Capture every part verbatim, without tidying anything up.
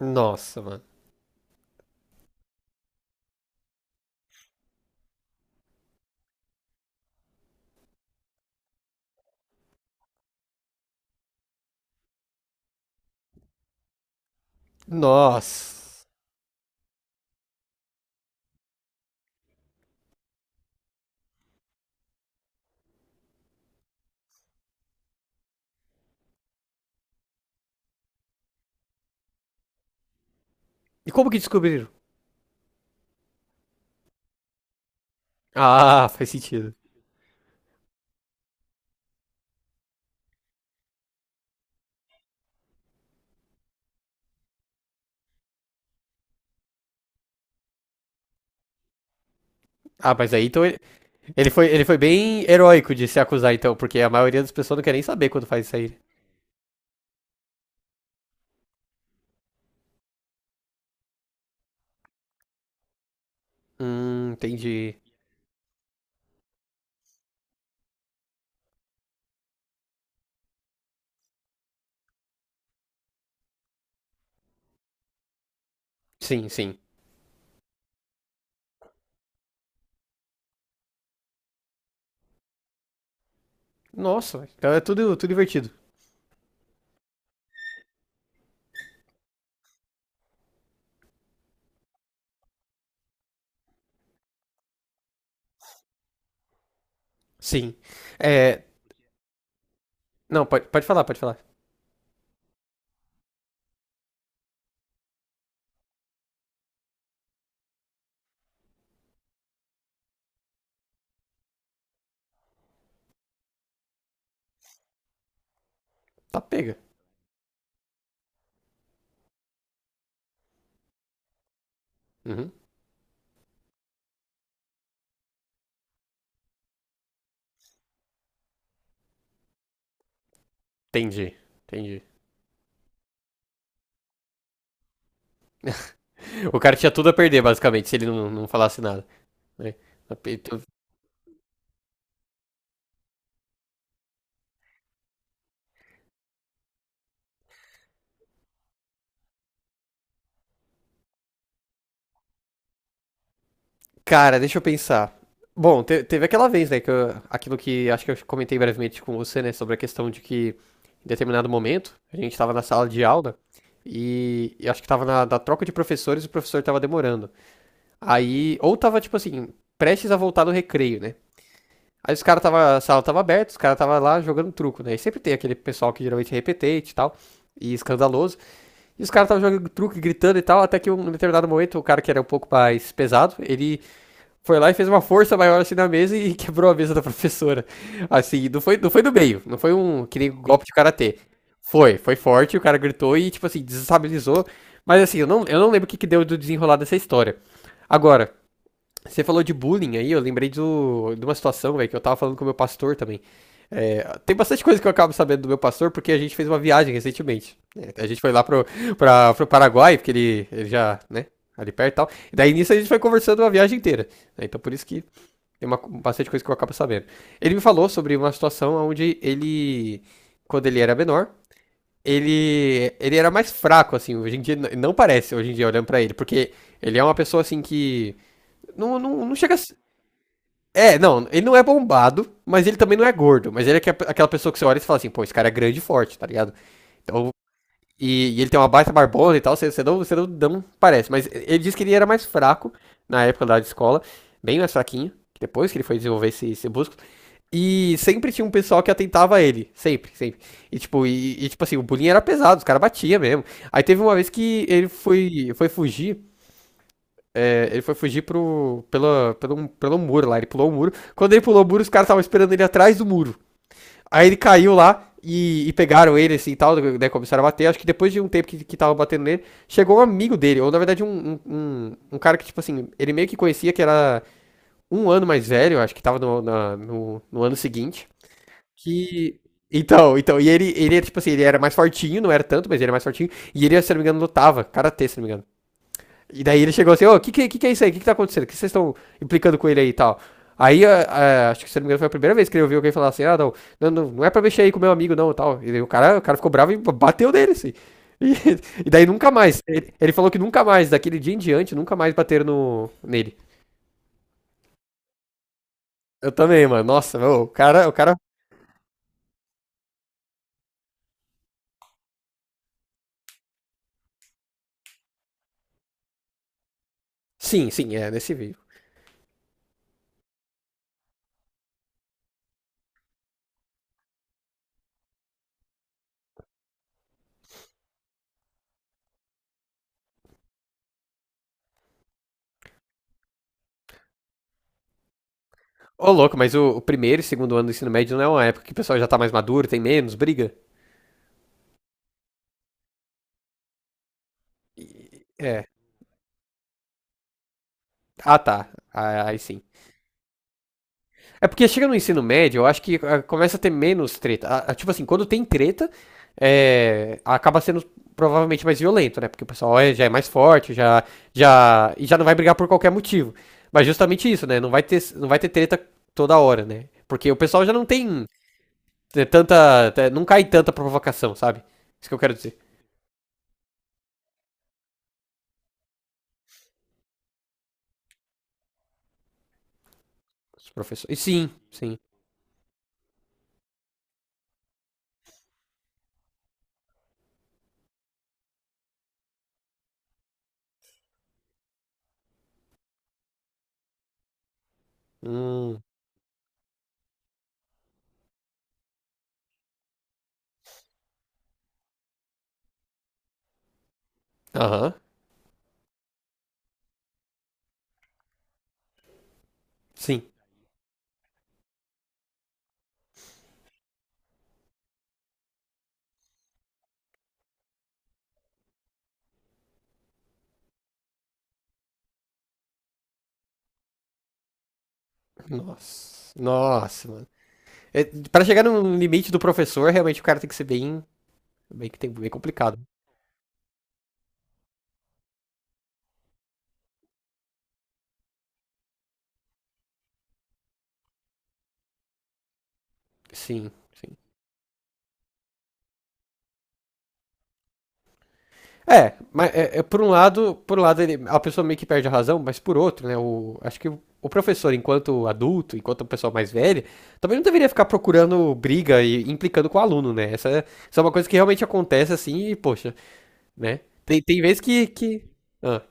Nossa, mano. Nossa. E como que descobriram? Ah, faz sentido. Ah, mas aí então ele, ele foi, ele foi bem heróico de se acusar, então, porque a maioria das pessoas não quer nem saber quando faz isso aí. Hum, entendi. Sim, sim. Nossa, então é tudo, tudo divertido. Sim. É. Não, pode, pode falar, pode falar. Tá pega. Uhum. Entendi, entendi. O cara tinha tudo a perder, basicamente, se ele não, não falasse nada. Né? Então. Cara, deixa eu pensar. Bom, te- teve aquela vez, né, que eu- aquilo que acho que eu comentei brevemente com você, né, sobre a questão de que em determinado momento a gente estava na sala de aula e, e acho que estava na, na troca de professores e o professor estava demorando. Aí, ou tava tipo assim, prestes a voltar do recreio, né? Aí os caras tava, a sala tava aberta, os caras tava lá jogando truco, né? E sempre tem aquele pessoal que geralmente é repetente e tal, e escandaloso. E os caras estavam jogando truco, e gritando e tal, até que um, em determinado momento o cara que era um pouco mais pesado, ele foi lá e fez uma força maior assim na mesa e quebrou a mesa da professora. Assim, não foi, não foi do meio, não foi um que nem golpe de karatê. Foi, foi forte, o cara gritou e, tipo assim, desestabilizou. Mas assim, eu não, eu não lembro o que, que deu do desenrolar dessa história. Agora, você falou de bullying aí, eu lembrei do, de uma situação, velho, que eu tava falando com o meu pastor também. É, tem bastante coisa que eu acabo sabendo do meu pastor, porque a gente fez uma viagem recentemente. Né? A gente foi lá pro, pra, pro Paraguai, porque ele, ele já, né, ali perto e tal. E daí nisso a gente foi conversando uma viagem inteira. Né? Então por isso que tem uma, bastante coisa que eu acabo sabendo. Ele me falou sobre uma situação onde ele, quando ele era menor, ele, ele era mais fraco, assim, hoje em dia, não parece, hoje em dia, olhando pra ele, porque ele é uma pessoa, assim, que não, não, não chega a. É, não, ele não é bombado, mas ele também não é gordo. Mas ele é que- é aquela pessoa que você olha e você fala assim, pô, esse cara é grande e forte, tá ligado? Então, e, e ele tem uma baita barbona e tal, você, você, não, você não, não parece. Mas ele disse que ele era mais fraco na época da escola, bem mais fraquinho, depois que ele foi desenvolver esse, esse músculo. E sempre tinha um pessoal que atentava a ele, sempre, sempre. E tipo, e, e, tipo assim, o bullying era pesado, os caras batiam mesmo. Aí teve uma vez que ele foi, foi fugir. é, Ele foi fugir pro, pela, pelo, pelo muro lá, ele pulou o muro. Quando ele pulou o muro, os caras estavam esperando ele atrás do muro. Aí ele caiu lá e, e pegaram ele assim e tal, né, começaram a bater. Acho que depois de um tempo que, que tava batendo nele, chegou um amigo dele, ou na verdade um, um, um, um cara que, tipo assim, ele meio que conhecia que era um ano mais velho, acho que tava no, na- no, no ano seguinte. Que. Então, então, e ele, ele, tipo assim, ele era mais fortinho, não era tanto, mas ele era mais fortinho. E ele, se não me engano, lutava, karatê, se não me engano. E daí ele chegou assim, ô, o que, que, que é isso aí? O que, que tá acontecendo? O que vocês estão implicando com ele aí e tal? Aí, ah, ah, acho que se não me engano, foi a primeira vez que ele ouviu alguém falar assim, ah, não, não, não, é pra mexer aí com o meu amigo, não, e tal. E daí o cara, o cara ficou bravo e bateu nele, assim. E, e daí nunca mais. Ele, ele falou que nunca mais, daquele dia em diante, nunca mais bateram no, nele. Eu também, mano. Nossa, meu, o cara, o cara. Sim, sim, é nesse vídeo. Ô, louco, mas o, o primeiro e segundo ano do ensino médio não é uma época que o pessoal já tá mais maduro, tem menos, briga? É. Ah, tá. Ah, aí sim. É porque chega no ensino médio, eu acho que ah, começa a ter menos treta. Ah, ah, Tipo assim, quando tem treta, é, acaba sendo provavelmente mais violento, né? Porque o pessoal é- já é mais forte, já, já, e já não vai brigar por qualquer motivo. Mas justamente isso, né? Não vai ter, não vai ter treta toda hora, né? Porque o pessoal já não tem é, tanta. é, Não cai tanta provocação, sabe? Isso que eu quero dizer. Os professores. Sim, sim. Hum. Aham. Sim. Nossa. Nossa, mano. É, Para chegar no limite do professor, realmente o cara tem que ser bem bem que tem bem complicado. Sim, sim. É, mas é, é, por um lado, por um lado ele- a pessoa meio que perde a razão, mas por outro, né, o, acho que o, o professor, enquanto adulto, enquanto uma pessoa mais velha, também não deveria ficar procurando briga e implicando com o aluno, né? Essa, é- isso é uma coisa que realmente acontece assim e, poxa, né? Tem, tem vezes que, que... Ah,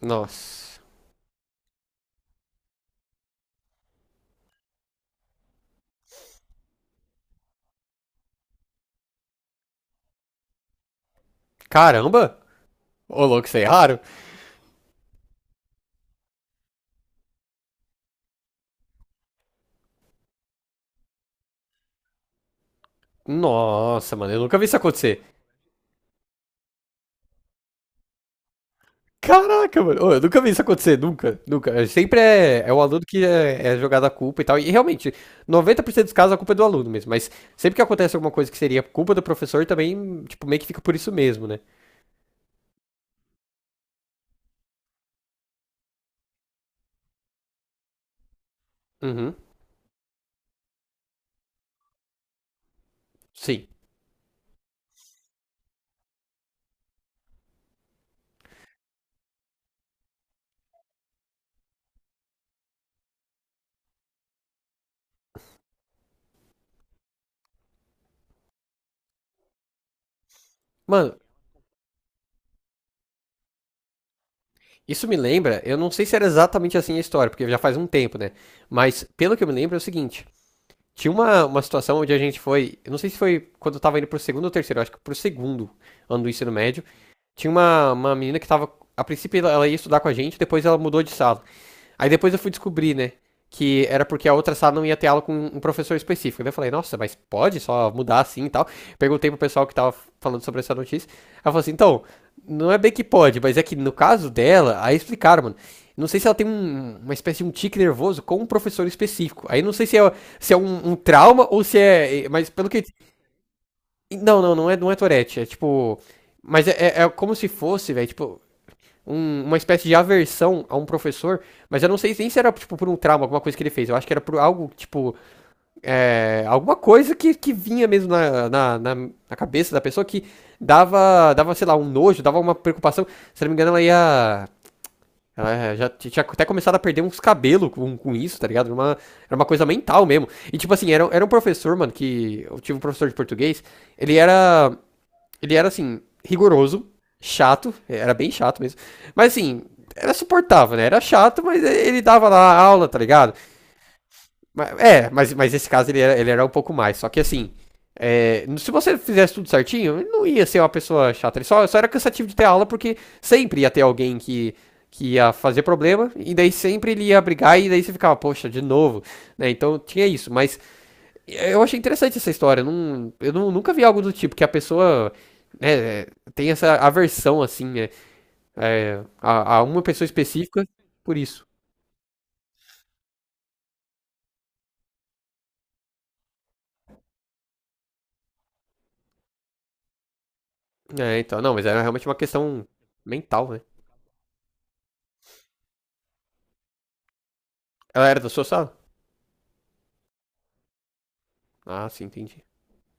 nossa. Caramba! Ô, louco, isso é raro. Nossa, mano, eu nunca vi isso acontecer. Caraca, mano. Ô, eu nunca vi isso acontecer, nunca, nunca. É, Sempre é, é o aluno que é, é jogado a culpa e tal. E realmente, noventa por cento dos casos a culpa é do aluno mesmo. Mas sempre que acontece alguma coisa que seria culpa do professor, também, tipo, meio que fica por isso mesmo, né? Uhum, sim. Mano, isso me lembra, eu não sei se era exatamente assim a história, porque já faz um tempo, né? Mas pelo que eu me lembro é o seguinte: tinha uma, uma situação onde a gente foi, eu não sei se foi quando eu tava indo pro segundo ou terceiro, eu acho que pro segundo ano do ensino médio. Tinha uma, uma menina que tava. A princípio ela- ela ia estudar com a gente, depois ela mudou de sala. Aí depois eu fui descobrir, né? Que era porque a outra sala não ia ter aula com um professor específico. Daí eu falei, nossa, mas pode só mudar assim e tal. Perguntei pro pessoal que tava falando sobre essa notícia. Ela falou assim, então, não é bem que pode, mas é que no caso dela, aí explicaram, mano. Não sei se ela tem um- uma espécie de um tique nervoso com um professor específico. Aí não sei se é, se é um, um trauma ou se é. é- Mas pelo que. Não, não, não é, não é Tourette. É tipo. Mas é, é- é como se fosse, velho. Tipo, um- uma espécie de aversão a um professor, mas eu não sei nem se era tipo, por um trauma, alguma coisa que ele fez. Eu acho que era por algo, tipo, é, alguma coisa que, que vinha mesmo na, na, na, na cabeça da pessoa que dava, dava, sei lá, um nojo, dava uma preocupação. Se não me engano, ela ia. Ela já tinha até começado a perder uns cabelos com, com isso, tá ligado? Era uma, era uma coisa mental mesmo. E tipo assim, era, era um professor, mano, que. Eu tive um professor de português. Ele era. Ele era assim, rigoroso, chato, era bem chato mesmo. Mas assim, era suportável, né? Era chato, mas ele dava lá a aula, tá ligado? Mas- É, mas, mas esse caso ele era, ele era um pouco mais. Só que assim, é, se você fizesse tudo certinho, ele não ia ser uma pessoa chata. Ele só, só era cansativo de ter aula porque sempre ia ter alguém que, que ia fazer problema. E daí sempre ele ia brigar e daí você ficava, poxa, de novo. Né? Então tinha isso. Mas eu achei interessante essa história. Eu, Não, eu não- nunca vi algo do tipo que a pessoa né, tem essa aversão assim né, é, a, a uma pessoa específica por isso. É, então, não, mas era realmente uma questão mental, né? Ela era da sua sala? Ah, sim, entendi.